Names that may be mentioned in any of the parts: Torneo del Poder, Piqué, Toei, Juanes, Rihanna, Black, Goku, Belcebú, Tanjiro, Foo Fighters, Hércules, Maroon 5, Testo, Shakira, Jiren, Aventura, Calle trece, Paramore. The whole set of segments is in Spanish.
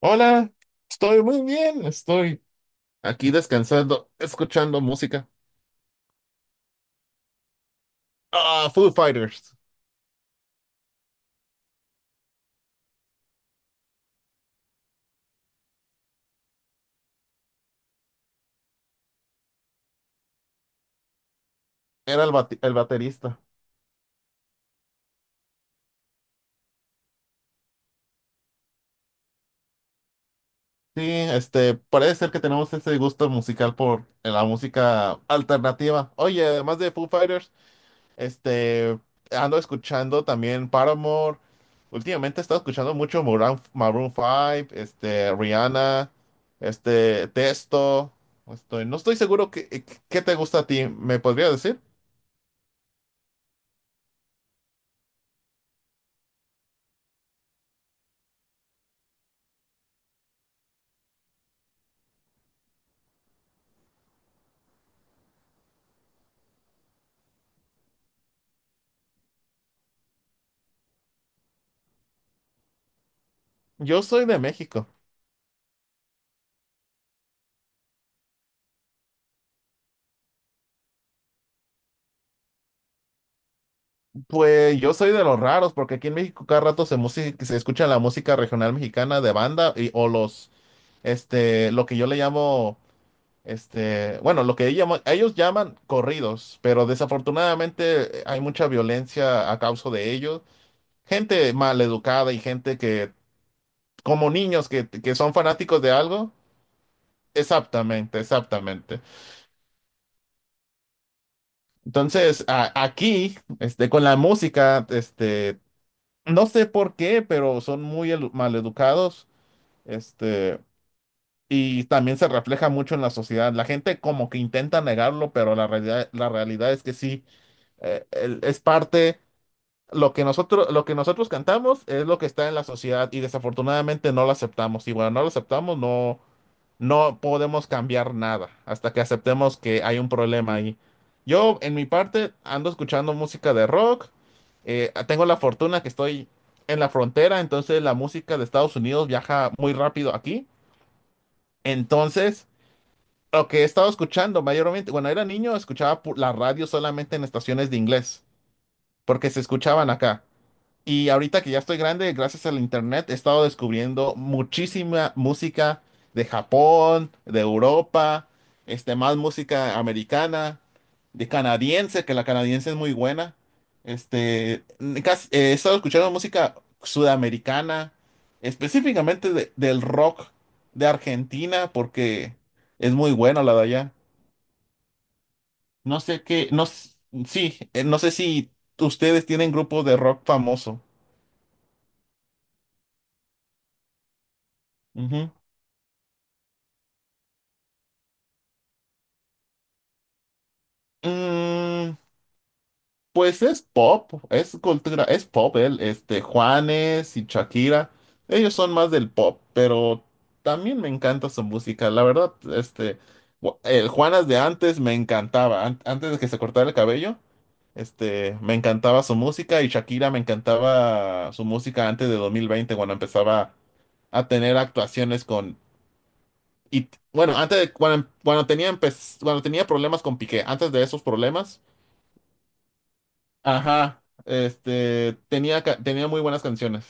Hola, estoy muy bien, estoy aquí descansando, escuchando música. Ah, Foo Fighters, era el baterista. Sí, parece ser que tenemos ese gusto musical por la música alternativa. Oye, además de Foo Fighters, este, ando escuchando también Paramore. Últimamente he estado escuchando mucho Maroon 5, Rihanna, Testo. No estoy seguro qué te gusta a ti, ¿me podrías decir? Yo soy de México. Pues yo soy de los raros, porque aquí en México cada rato se escucha la música regional mexicana de banda lo que yo le llamo, lo que ellos llaman corridos, pero desafortunadamente hay mucha violencia a causa de ellos. Gente maleducada y gente que, como niños que son fanáticos de algo. Exactamente, exactamente. Entonces, aquí, con la música. No sé por qué, pero son muy maleducados, este, y también se refleja mucho en la sociedad. La gente como que intenta negarlo, pero la realidad es que sí, es parte, lo que nosotros cantamos es lo que está en la sociedad y desafortunadamente no lo aceptamos. Y bueno, no lo aceptamos, no, no podemos cambiar nada hasta que aceptemos que hay un problema ahí. Yo, en mi parte, ando escuchando música de rock. Tengo la fortuna que estoy en la frontera, entonces la música de Estados Unidos viaja muy rápido aquí. Entonces, lo que he estado escuchando mayormente, cuando era niño, escuchaba la radio solamente en estaciones de inglés, porque se escuchaban acá. Y ahorita que ya estoy grande, gracias al internet, he estado descubriendo muchísima música de Japón, de Europa, más música americana, de canadiense, que la canadiense es muy buena. Este, he estado escuchando música sudamericana, específicamente del rock de Argentina, porque es muy buena la de allá. No sé qué, no, s- sí, no sé si ustedes tienen grupos de rock famoso. Mm, pues es pop, es pop, él, Juanes y Shakira, ellos son más del pop, pero también me encanta su música, la verdad. El Juanes de antes me encantaba, antes de que se cortara el cabello, me encantaba su música y Shakira me encantaba su música antes de 2020, cuando empezaba a tener actuaciones con, y, bueno, antes de, cuando tenía, cuando tenía problemas con Piqué, antes de esos problemas. Ajá, tenía, tenía muy buenas canciones.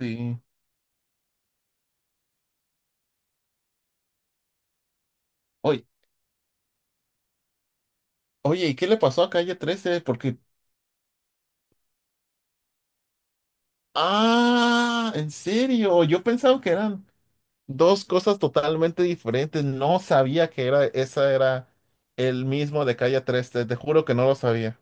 Sí. Oye, oye, ¿y qué le pasó a Calle trece? Porque, ah, ¿en serio? Yo pensaba que eran dos cosas totalmente diferentes. No sabía que era, esa era el mismo de Calle trece, te juro que no lo sabía.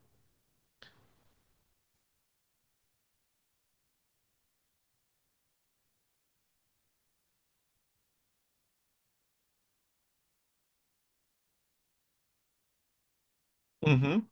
Ujú.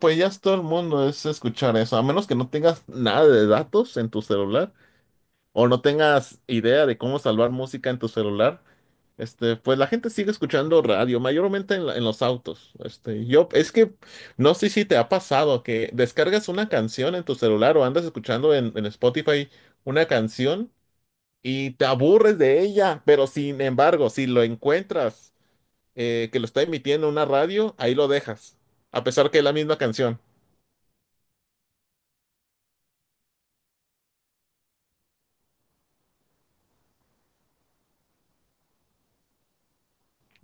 Pues ya todo el mundo es escuchar eso, a menos que no tengas nada de datos en tu celular, o no tengas idea de cómo salvar música en tu celular. Pues la gente sigue escuchando radio, mayormente en los autos. Es que no sé si te ha pasado que descargas una canción en tu celular o andas escuchando en Spotify una canción y te aburres de ella, pero sin embargo, si lo encuentras que lo está emitiendo una radio, ahí lo dejas, a pesar que es la misma canción.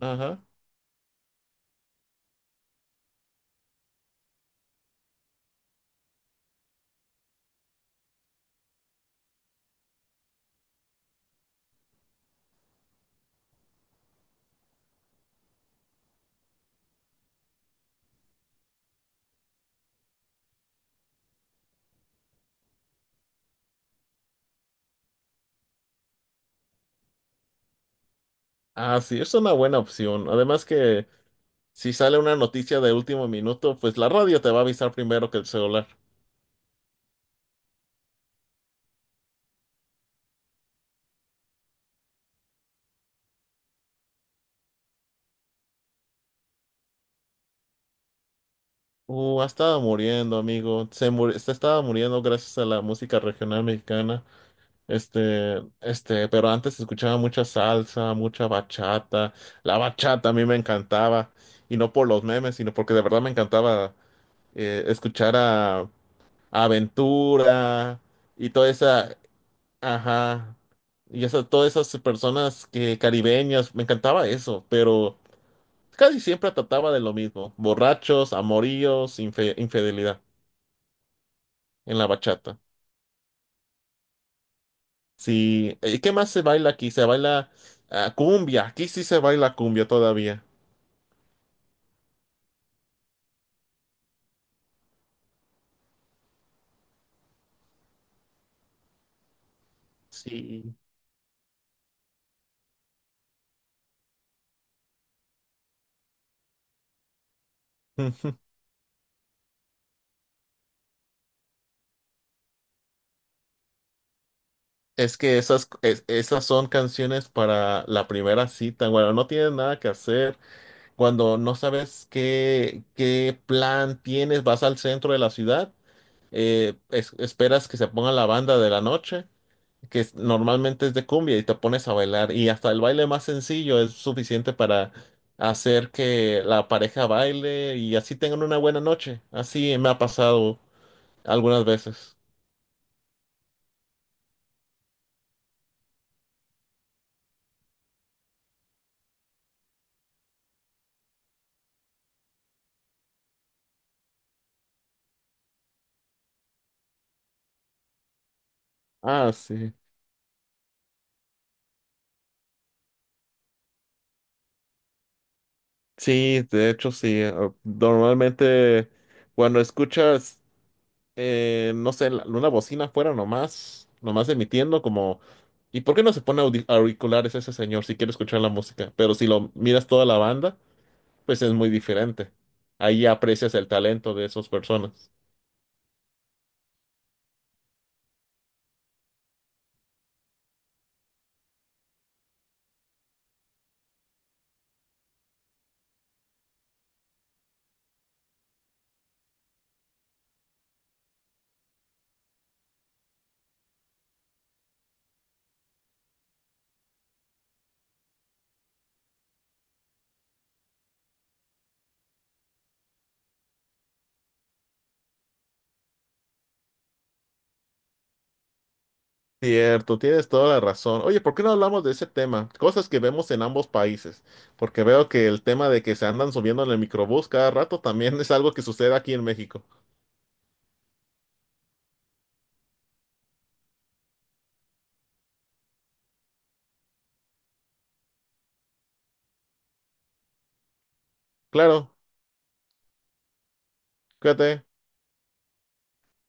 Ajá. Ah, sí, es una buena opción. Además que, si sale una noticia de último minuto, pues la radio te va a avisar primero que el celular. Ha estado muriendo, amigo. Se estaba muriendo gracias a la música regional mexicana. Pero antes escuchaba mucha salsa, mucha bachata. La bachata a mí me encantaba. Y no por los memes, sino porque de verdad me encantaba eh, escuchar a, a Aventura y toda esa, ajá, y esa, todas esas personas que caribeñas. Me encantaba eso, pero casi siempre trataba de lo mismo: borrachos, amoríos, infidelidad en la bachata. Sí, ¿y qué más se baila aquí? Cumbia, aquí sí se baila cumbia todavía. Sí. Es que esas son canciones para la primera cita. Bueno, no tienes nada que hacer. Cuando no sabes qué plan tienes, vas al centro de la ciudad, esperas que se ponga la banda de la noche, normalmente es de cumbia, y te pones a bailar, y hasta el baile más sencillo es suficiente para hacer que la pareja baile y así tengan una buena noche. Así me ha pasado algunas veces. Ah, sí. Sí, de hecho sí. Ah, normalmente cuando escuchas, no sé, una bocina afuera nomás, nomás emitiendo como... ¿Y por qué no se pone auriculares ese señor si quiere escuchar la música? Pero si lo miras toda la banda, pues es muy diferente. Ahí aprecias el talento de esas personas. Cierto, tienes toda la razón. Oye, ¿por qué no hablamos de ese tema? Cosas que vemos en ambos países, porque veo que el tema de que se andan subiendo en el microbús cada rato también es algo que sucede aquí en México. Claro, cuídate.